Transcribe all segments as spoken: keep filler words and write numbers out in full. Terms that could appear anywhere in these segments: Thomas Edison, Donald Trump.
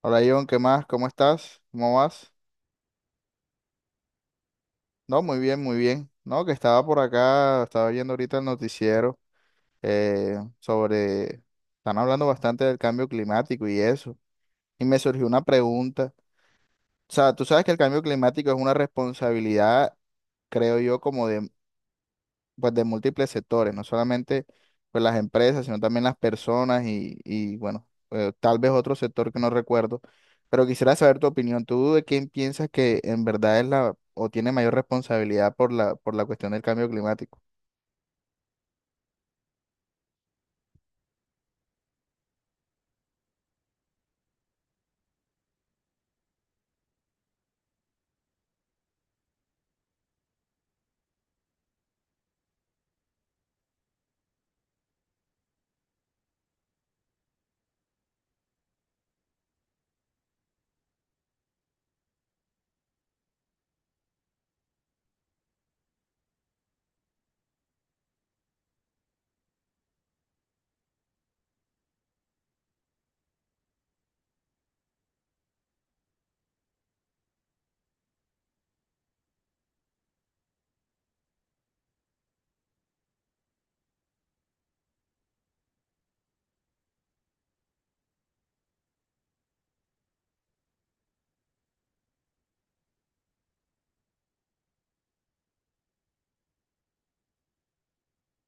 Hola John, ¿qué más? ¿Cómo estás? ¿Cómo vas? No, muy bien, muy bien. No, que estaba por acá, estaba viendo ahorita el noticiero eh, sobre, están hablando bastante del cambio climático y eso. Y me surgió una pregunta. O sea, tú sabes que el cambio climático es una responsabilidad, creo yo, como de pues de múltiples sectores, no solamente pues las empresas, sino también las personas y, y, bueno, eh, tal vez otro sector que no recuerdo, pero quisiera saber tu opinión. ¿Tú de quién piensas que en verdad es la o tiene mayor responsabilidad por la por la cuestión del cambio climático?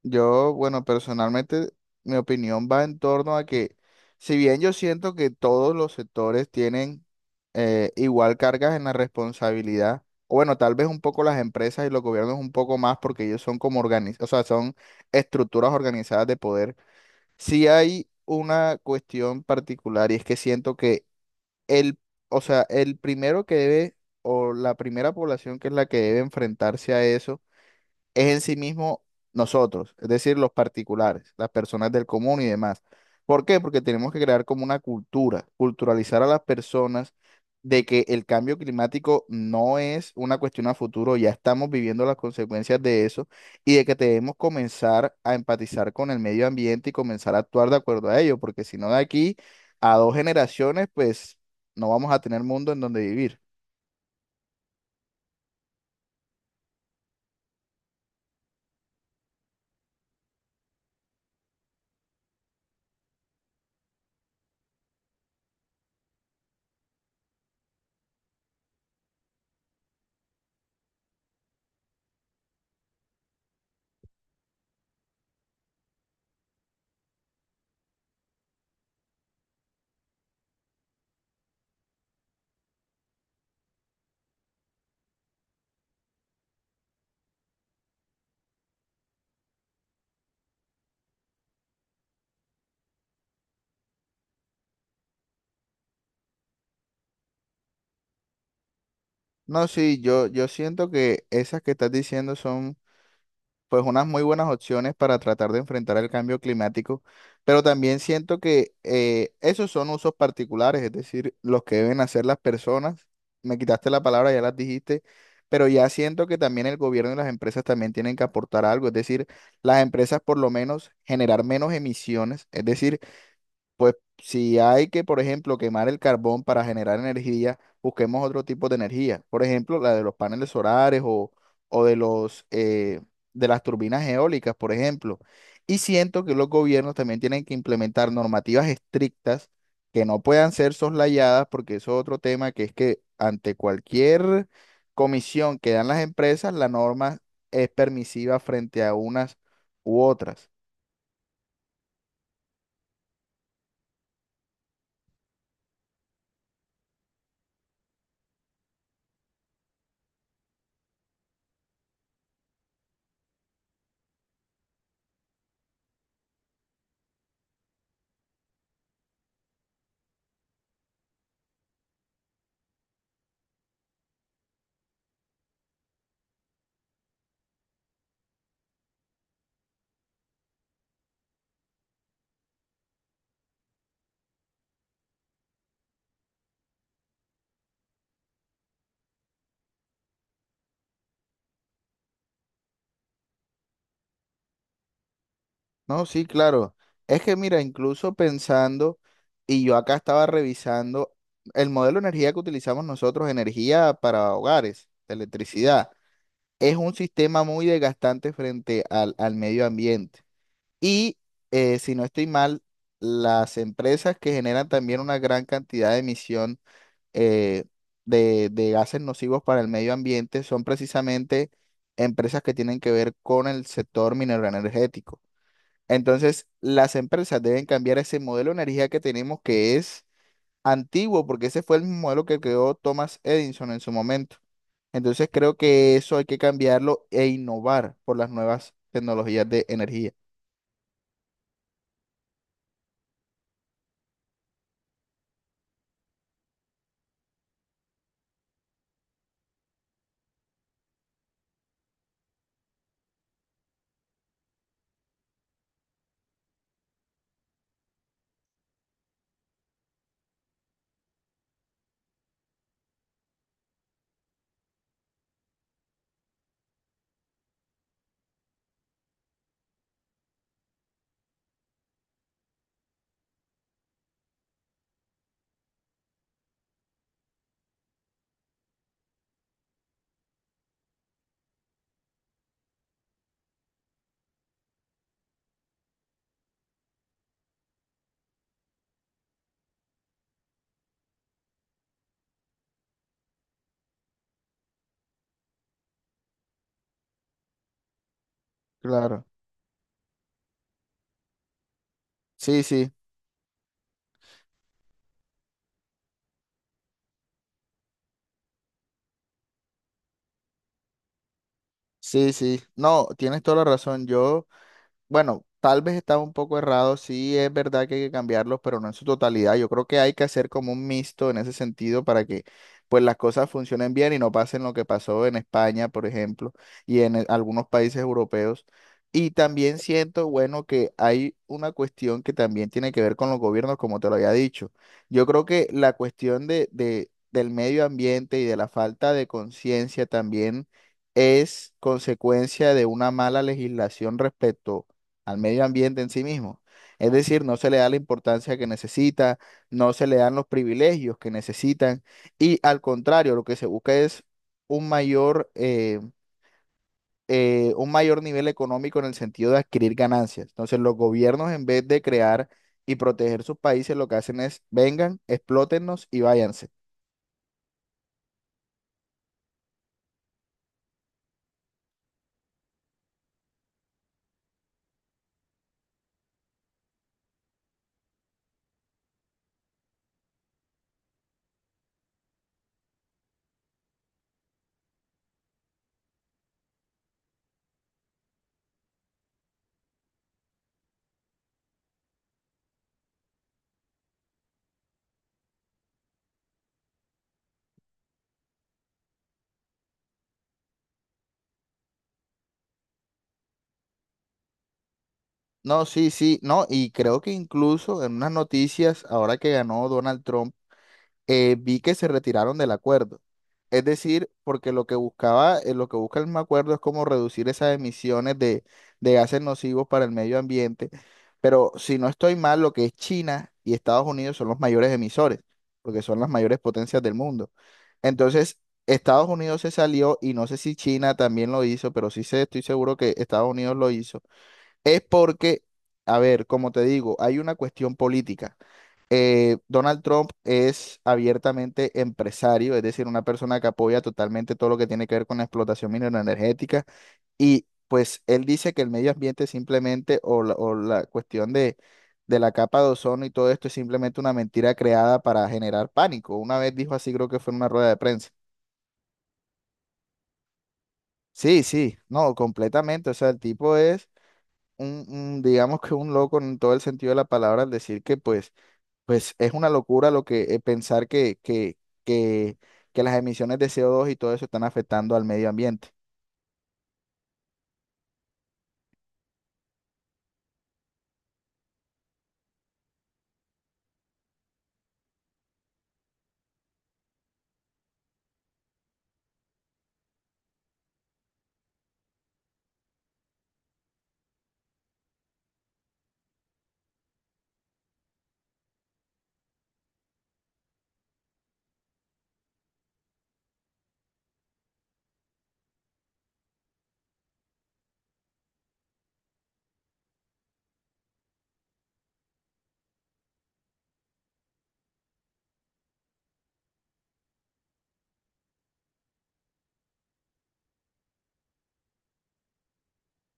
Yo, bueno, personalmente mi opinión va en torno a que si bien yo siento que todos los sectores tienen eh, igual cargas en la responsabilidad, o bueno, tal vez un poco las empresas y los gobiernos un poco más porque ellos son como organiz, o sea, son estructuras organizadas de poder. Sí hay una cuestión particular y es que siento que el, o sea, el primero que debe o la primera población que es la que debe enfrentarse a eso es en sí mismo nosotros, es decir, los particulares, las personas del común y demás. ¿Por qué? Porque tenemos que crear como una cultura, culturalizar a las personas de que el cambio climático no es una cuestión a futuro, ya estamos viviendo las consecuencias de eso y de que debemos comenzar a empatizar con el medio ambiente y comenzar a actuar de acuerdo a ello, porque si no de aquí a dos generaciones, pues no vamos a tener mundo en donde vivir. No, sí, yo, yo siento que esas que estás diciendo son pues unas muy buenas opciones para tratar de enfrentar el cambio climático, pero también siento que eh, esos son usos particulares, es decir, los que deben hacer las personas. Me quitaste la palabra, ya las dijiste, pero ya siento que también el gobierno y las empresas también tienen que aportar algo, es decir, las empresas por lo menos generar menos emisiones, es decir, pues si hay que, por ejemplo, quemar el carbón para generar energía, busquemos otro tipo de energía. Por ejemplo, la de los paneles solares o, o de los, eh, de las turbinas eólicas, por ejemplo. Y siento que los gobiernos también tienen que implementar normativas estrictas que no puedan ser soslayadas, porque eso es otro tema que es que ante cualquier comisión que dan las empresas, la norma es permisiva frente a unas u otras. No, sí, claro. Es que mira, incluso pensando, y yo acá estaba revisando el modelo de energía que utilizamos nosotros, energía para hogares, electricidad, es un sistema muy desgastante frente al, al medio ambiente. Y eh, si no estoy mal, las empresas que generan también una gran cantidad de emisión eh, de, de gases nocivos para el medio ambiente son precisamente empresas que tienen que ver con el sector minero energético. Entonces, las empresas deben cambiar ese modelo de energía que tenemos que es antiguo, porque ese fue el mismo modelo que creó Thomas Edison en su momento. Entonces, creo que eso hay que cambiarlo e innovar por las nuevas tecnologías de energía. Claro. Sí, sí, sí, sí. No, tienes toda la razón. Yo bueno, tal vez estaba un poco errado, sí es verdad que hay que cambiarlos, pero no en su totalidad. Yo creo que hay que hacer como un mixto en ese sentido para que pues las cosas funcionen bien y no pasen lo que pasó en España, por ejemplo, y en eh, algunos países europeos. Y también siento, bueno, que hay una cuestión que también tiene que ver con los gobiernos, como te lo había dicho. Yo creo que la cuestión de, de- del medio ambiente y de la falta de conciencia también es consecuencia de una mala legislación respecto al medio ambiente en sí mismo. Es decir, no se le da la importancia que necesita, no se le dan los privilegios que necesitan y al contrario, lo que se busca es un mayor, eh, eh, un mayor nivel económico en el sentido de adquirir ganancias. Entonces, los gobiernos en vez de crear y proteger sus países, lo que hacen es vengan, explótennos y váyanse. No, sí, sí, no, y creo que incluso en unas noticias, ahora que ganó Donald Trump, eh, vi que se retiraron del acuerdo. Es decir, porque lo que buscaba, eh, lo que busca el acuerdo es como reducir esas emisiones de, de gases nocivos para el medio ambiente. Pero si no estoy mal, lo que es China y Estados Unidos son los mayores emisores, porque son las mayores potencias del mundo. Entonces, Estados Unidos se salió y no sé si China también lo hizo, pero sí sé, estoy seguro que Estados Unidos lo hizo. Es porque, a ver, como te digo, hay una cuestión política eh, Donald Trump es abiertamente empresario, es decir, una persona que apoya totalmente todo lo que tiene que ver con la explotación minera energética y pues él dice que el medio ambiente simplemente o la, o la cuestión de, de la capa de ozono y todo esto es simplemente una mentira creada para generar pánico. Una vez dijo así, creo que fue en una rueda de prensa. Sí, sí, no, completamente. O sea, el tipo es un, un, digamos que un loco en todo el sentido de la palabra al decir que pues pues es una locura lo que eh, pensar que, que, que, que las emisiones de co dos y todo eso están afectando al medio ambiente.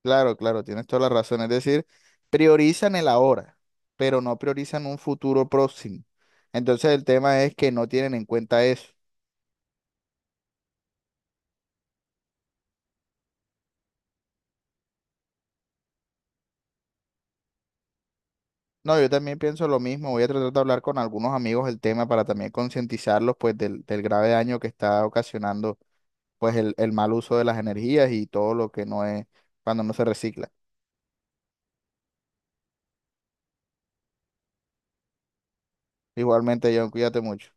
Claro, claro, tienes toda la razón. Es decir, priorizan el ahora, pero no priorizan un futuro próximo. Entonces el tema es que no tienen en cuenta eso. No, yo también pienso lo mismo. Voy a tratar de hablar con algunos amigos del tema para también concientizarlos pues del, del grave daño que está ocasionando pues el, el mal uso de las energías y todo lo que no es cuando no se recicla. Igualmente, John, cuídate mucho.